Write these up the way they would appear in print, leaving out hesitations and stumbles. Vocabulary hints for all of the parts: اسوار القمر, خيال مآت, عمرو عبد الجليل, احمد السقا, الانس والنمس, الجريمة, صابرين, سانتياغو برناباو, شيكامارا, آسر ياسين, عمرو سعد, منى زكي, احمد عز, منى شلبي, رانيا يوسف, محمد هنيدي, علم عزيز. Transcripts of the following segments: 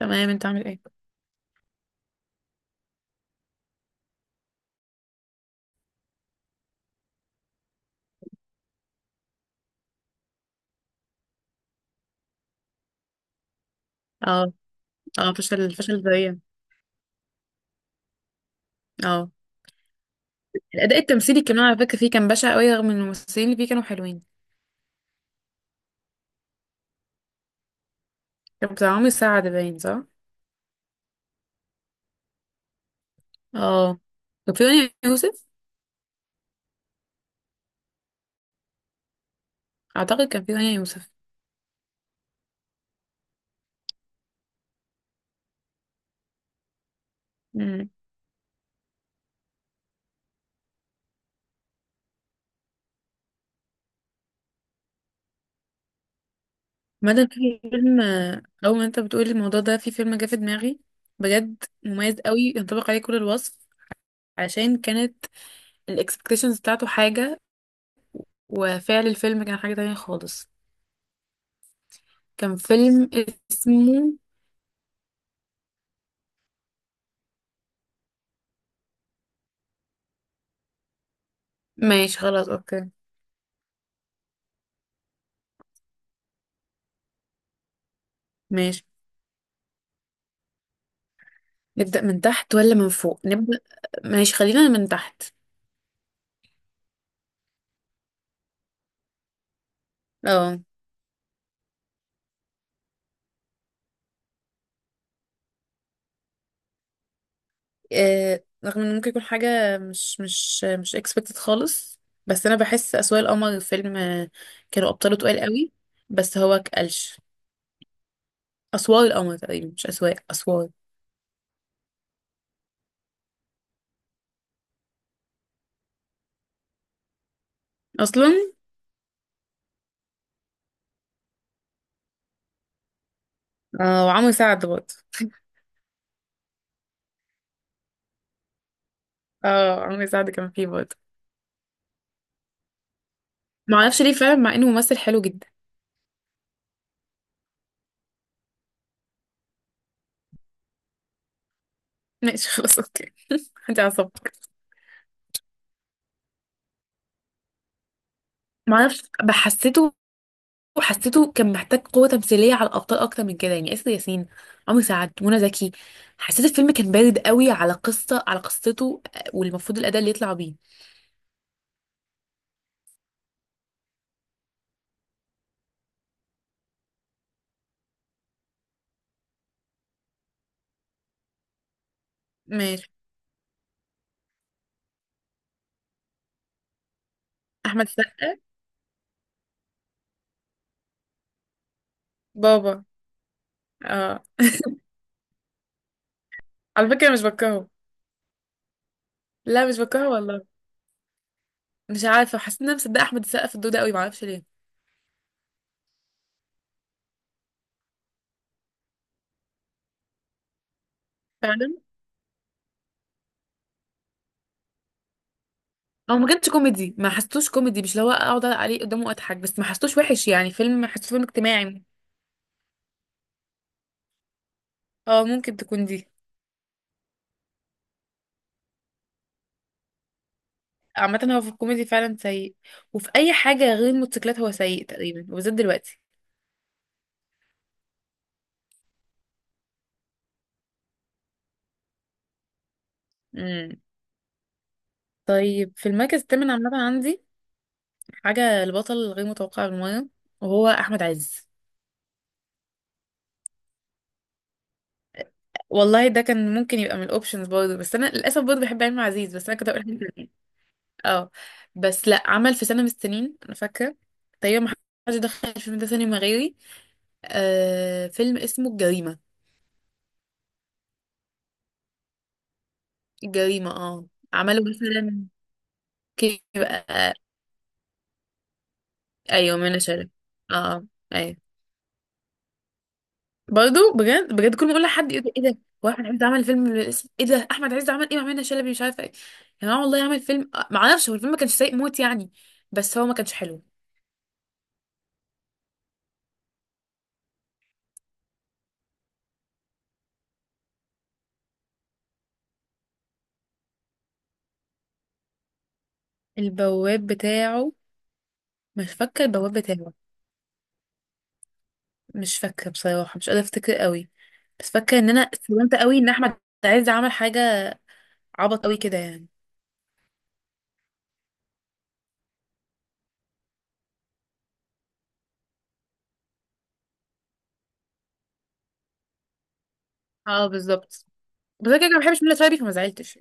تمام، انت عامل ايه؟ اه. اه، فشل، فشل ذريع. اه، الاداء التمثيلي كمان على فكره فيه كان بشع قوي، رغم ان الممثلين اللي فيه كانوا حلوين. كان بتاع عمرو سعد باين، صح؟ اه، كان في رانيا يوسف. اعتقد كان في رانيا يوسف. امم مدى في فيلم اول ما انت بتقول الموضوع ده في فيلم جه في دماغي، بجد مميز قوي ينطبق عليه كل الوصف، عشان كانت الاكسبكتيشنز بتاعته حاجه وفعل الفيلم كان حاجه تانية خالص. كان فيلم اسمه. ماشي خلاص، اوكي. ماشي، نبدأ من تحت ولا من فوق؟ نبدأ، ماشي، خلينا من تحت. اه، رغم ان ممكن يكون حاجة مش expected خالص، بس انا بحس اسوار القمر فيلم. كانوا ابطاله تقال قوي، بس هو كقلش. اسوار القمر تقريبا، مش اسواق، اسوار. اصلا اه، وعمرو سعد برضه. اه، عمرو سعد كان فيه برضه. معرفش ليه فعلا، مع انه ممثل حلو جدا. ماشي خلاص، اوكي. انت عصبك. معرفش، بحسيته وحسيته كان محتاج قوة تمثيلية على الأبطال أكتر من كده، يعني آسر ياسين، عمرو سعد، منى زكي. حسيت الفيلم كان بارد قوي على قصة، على قصته، والمفروض الأداء اللي يطلع بيه. ماشي. احمد السقا. بابا. اه، على فكره مش بكرهه. لا مش بكرهه والله. مش عارفه، حسيت ان انا مصدقه احمد السقا في الدور ده قوي، معرفش ليه. فعلا. هو ما كانش كوميدي، ما حسيتوش كوميدي، مش اللي هو اقعد عليه قدامه واضحك، بس ما حسيتوش وحش يعني، فيلم حسيته فيلم اجتماعي. اه، ممكن تكون دي. عامة هو في الكوميدي فعلا سيء، وفي أي حاجة غير الموتوسيكلات هو سيء تقريبا، وبالذات دلوقتي. امم طيب في المركز الثامن، عامة عندي حاجة البطل الغير متوقع بالمرة، وهو أحمد عز. والله ده كان ممكن يبقى من الأوبشنز برضه، بس أنا للأسف برضه بحب علم عزيز، بس أنا كنت هقول أحمد عز. اه، بس لأ، عمل في سنة من السنين، أنا فاكرة تقريبا ما حدش دخل الفيلم ده سينما غيري، آه فيلم اسمه الجريمة. الجريمة، اه. عمله مثلا كده. ايوه، منى شلبي. اه. ايوه، برضه بجد بجد، كل ما اقول لحد يقول لي ايه ده؟ هو احمد عز عمل فيلم من الاسم ايه ده؟ احمد عز عمل ايه مع منى شلبي؟ مش عارفه ايه يا جماعه. والله عمل فيلم ما اعرفش، هو الفيلم ما كانش سيء موت يعني، بس هو ما كانش حلو. البواب بتاعه. مش فاكره البواب بتاعه، مش فاكره بصراحه، مش قادره افتكر قوي، بس فاكره ان انا استلمت قوي ان احمد عز عمل حاجه عبط قوي كده يعني. اه بالظبط. بس انا كده كده ما بحبش منى شلبي، فما زعلتش.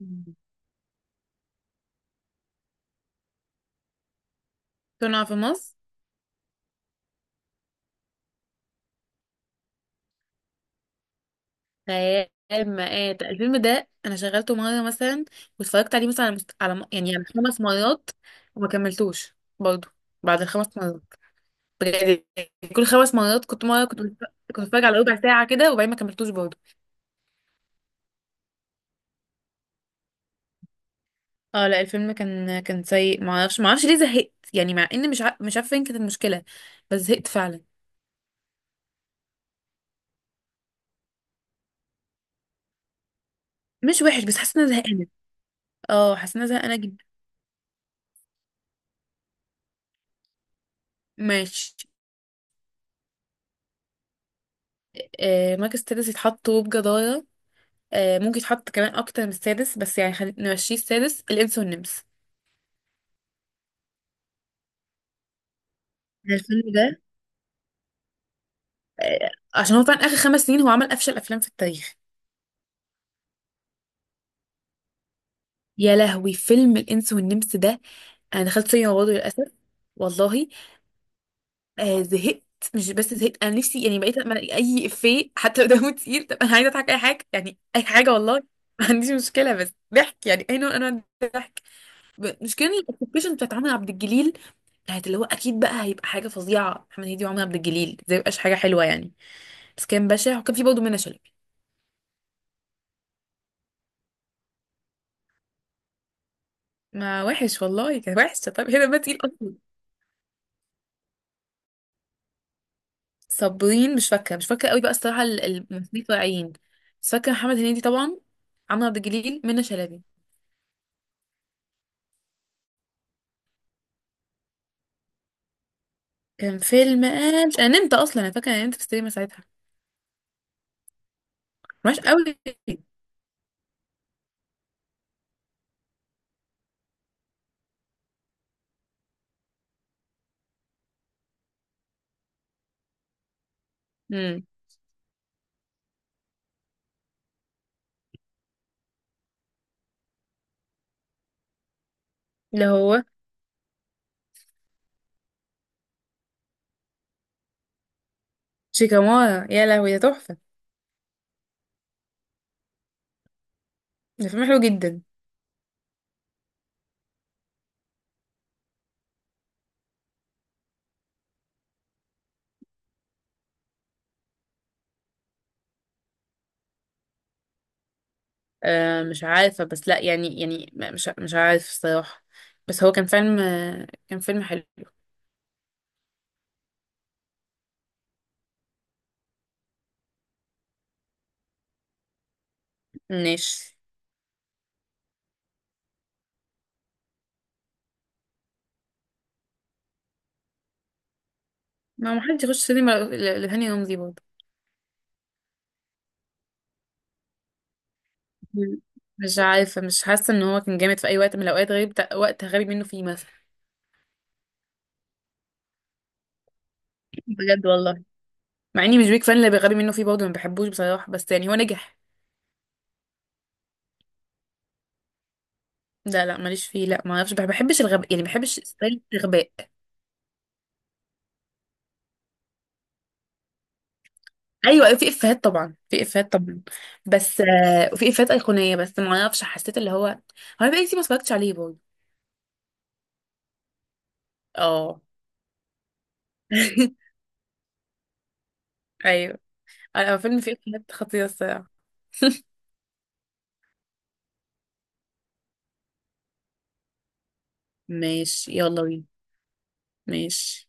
مم. كنا في مصر. خيال. مآت الفيلم ده انا شغلته مره مثلا، واتفرجت عليه مثلا على مست... على م- يعني على خمس مرات، وما كملتوش برضه بعد الخمس مرات، بجد يعني. كل خمس مرات كنت، مره كنت بتفرج على ربع ساعه كده، وبعدين ما كملتوش برضه. اه لا، الفيلم كان سيء، ما اعرفش، ما اعرفش ليه زهقت يعني، مع ان مش عارفه فين كانت المشكله، بس زهقت فعلا. مش وحش، بس حاسه ان انا زهقانه. اه، حاسه ان انا زهقانه جدا. ماشي. آه، مركز السادس يتحط وبجدارة. آه، ممكن يتحط كمان اكتر من السادس، بس يعني خلينا نمشيه السادس، الانس والنمس. الفيلم ده آه، عشان هو فعلا اخر خمس سنين هو عمل افشل افلام في التاريخ. يا لهوي، فيلم الانس والنمس ده انا دخلت سينما برضه للاسف. والله، آه زهقت، مش بس زهقت، انا نفسي يعني بقيت أما ألاقي اي افيه حتى لو دمه تقيل، طب انا عايزه اضحك اي حاجه، يعني اي حاجه والله. ما عنديش مشكله، بس ضحك، يعني اي نوع من انواع الضحك. مشكله الابلكيشن بتاعت عمرو عبد الجليل كانت اللي هو اكيد بقى هيبقى حاجه فظيعه، محمد هنيدي وعمر عبد الجليل زي مبقاش حاجه حلوه يعني، بس كان بشع. وكان في برضه منى شلبي. ما وحش والله، كان وحش، طب هنا ما تقيل اصلا. صابرين، مش فاكره قوي بقى الصراحه، الممثلين الطالعين، بس فاكره محمد هنيدي طبعا، عمرو عبد الجليل، منى شلبي. كان فيلم قال، انا نمت اصلا، انا فاكره انا نمت في السينما ساعتها. وحش قوي. امم اللي هو. شيكامارا، يا لهوي ده تحفه، ده فيلم حلو جدا. مش عارفة، بس لا يعني يعني مش عارف الصراحة، بس هو كان فيلم كان فيلم حلو. ماشي. ما محدش يخش سينما لهاني رمزي برضه. مم. مش عارفة، مش حاسة ان هو كان جامد في اي وقت من الاوقات، غير وقت غبي منه فيه مثلا. بجد والله. مع اني مش بيك فان، اللي غبي منه فيه برضه ما بحبوش بصراحة، بس يعني هو نجح. لا لا، ماليش فيه، لا، ما اعرفش، ما بحبش الغباء يعني، ما بحبش ستايل الغباء. ايوه، أيوة، في افيهات طبعا، في افيهات طبعا، بس آه. وفي افيهات ايقونيه، بس ما اعرفش، حسيت اللي هو، هو بقى كتير ما اتفرجتش عليه برضه. اه. ايوه، انا هو فيلم فيه افيهات خطيره الصراحه. ماشي يلا بينا. ماشي.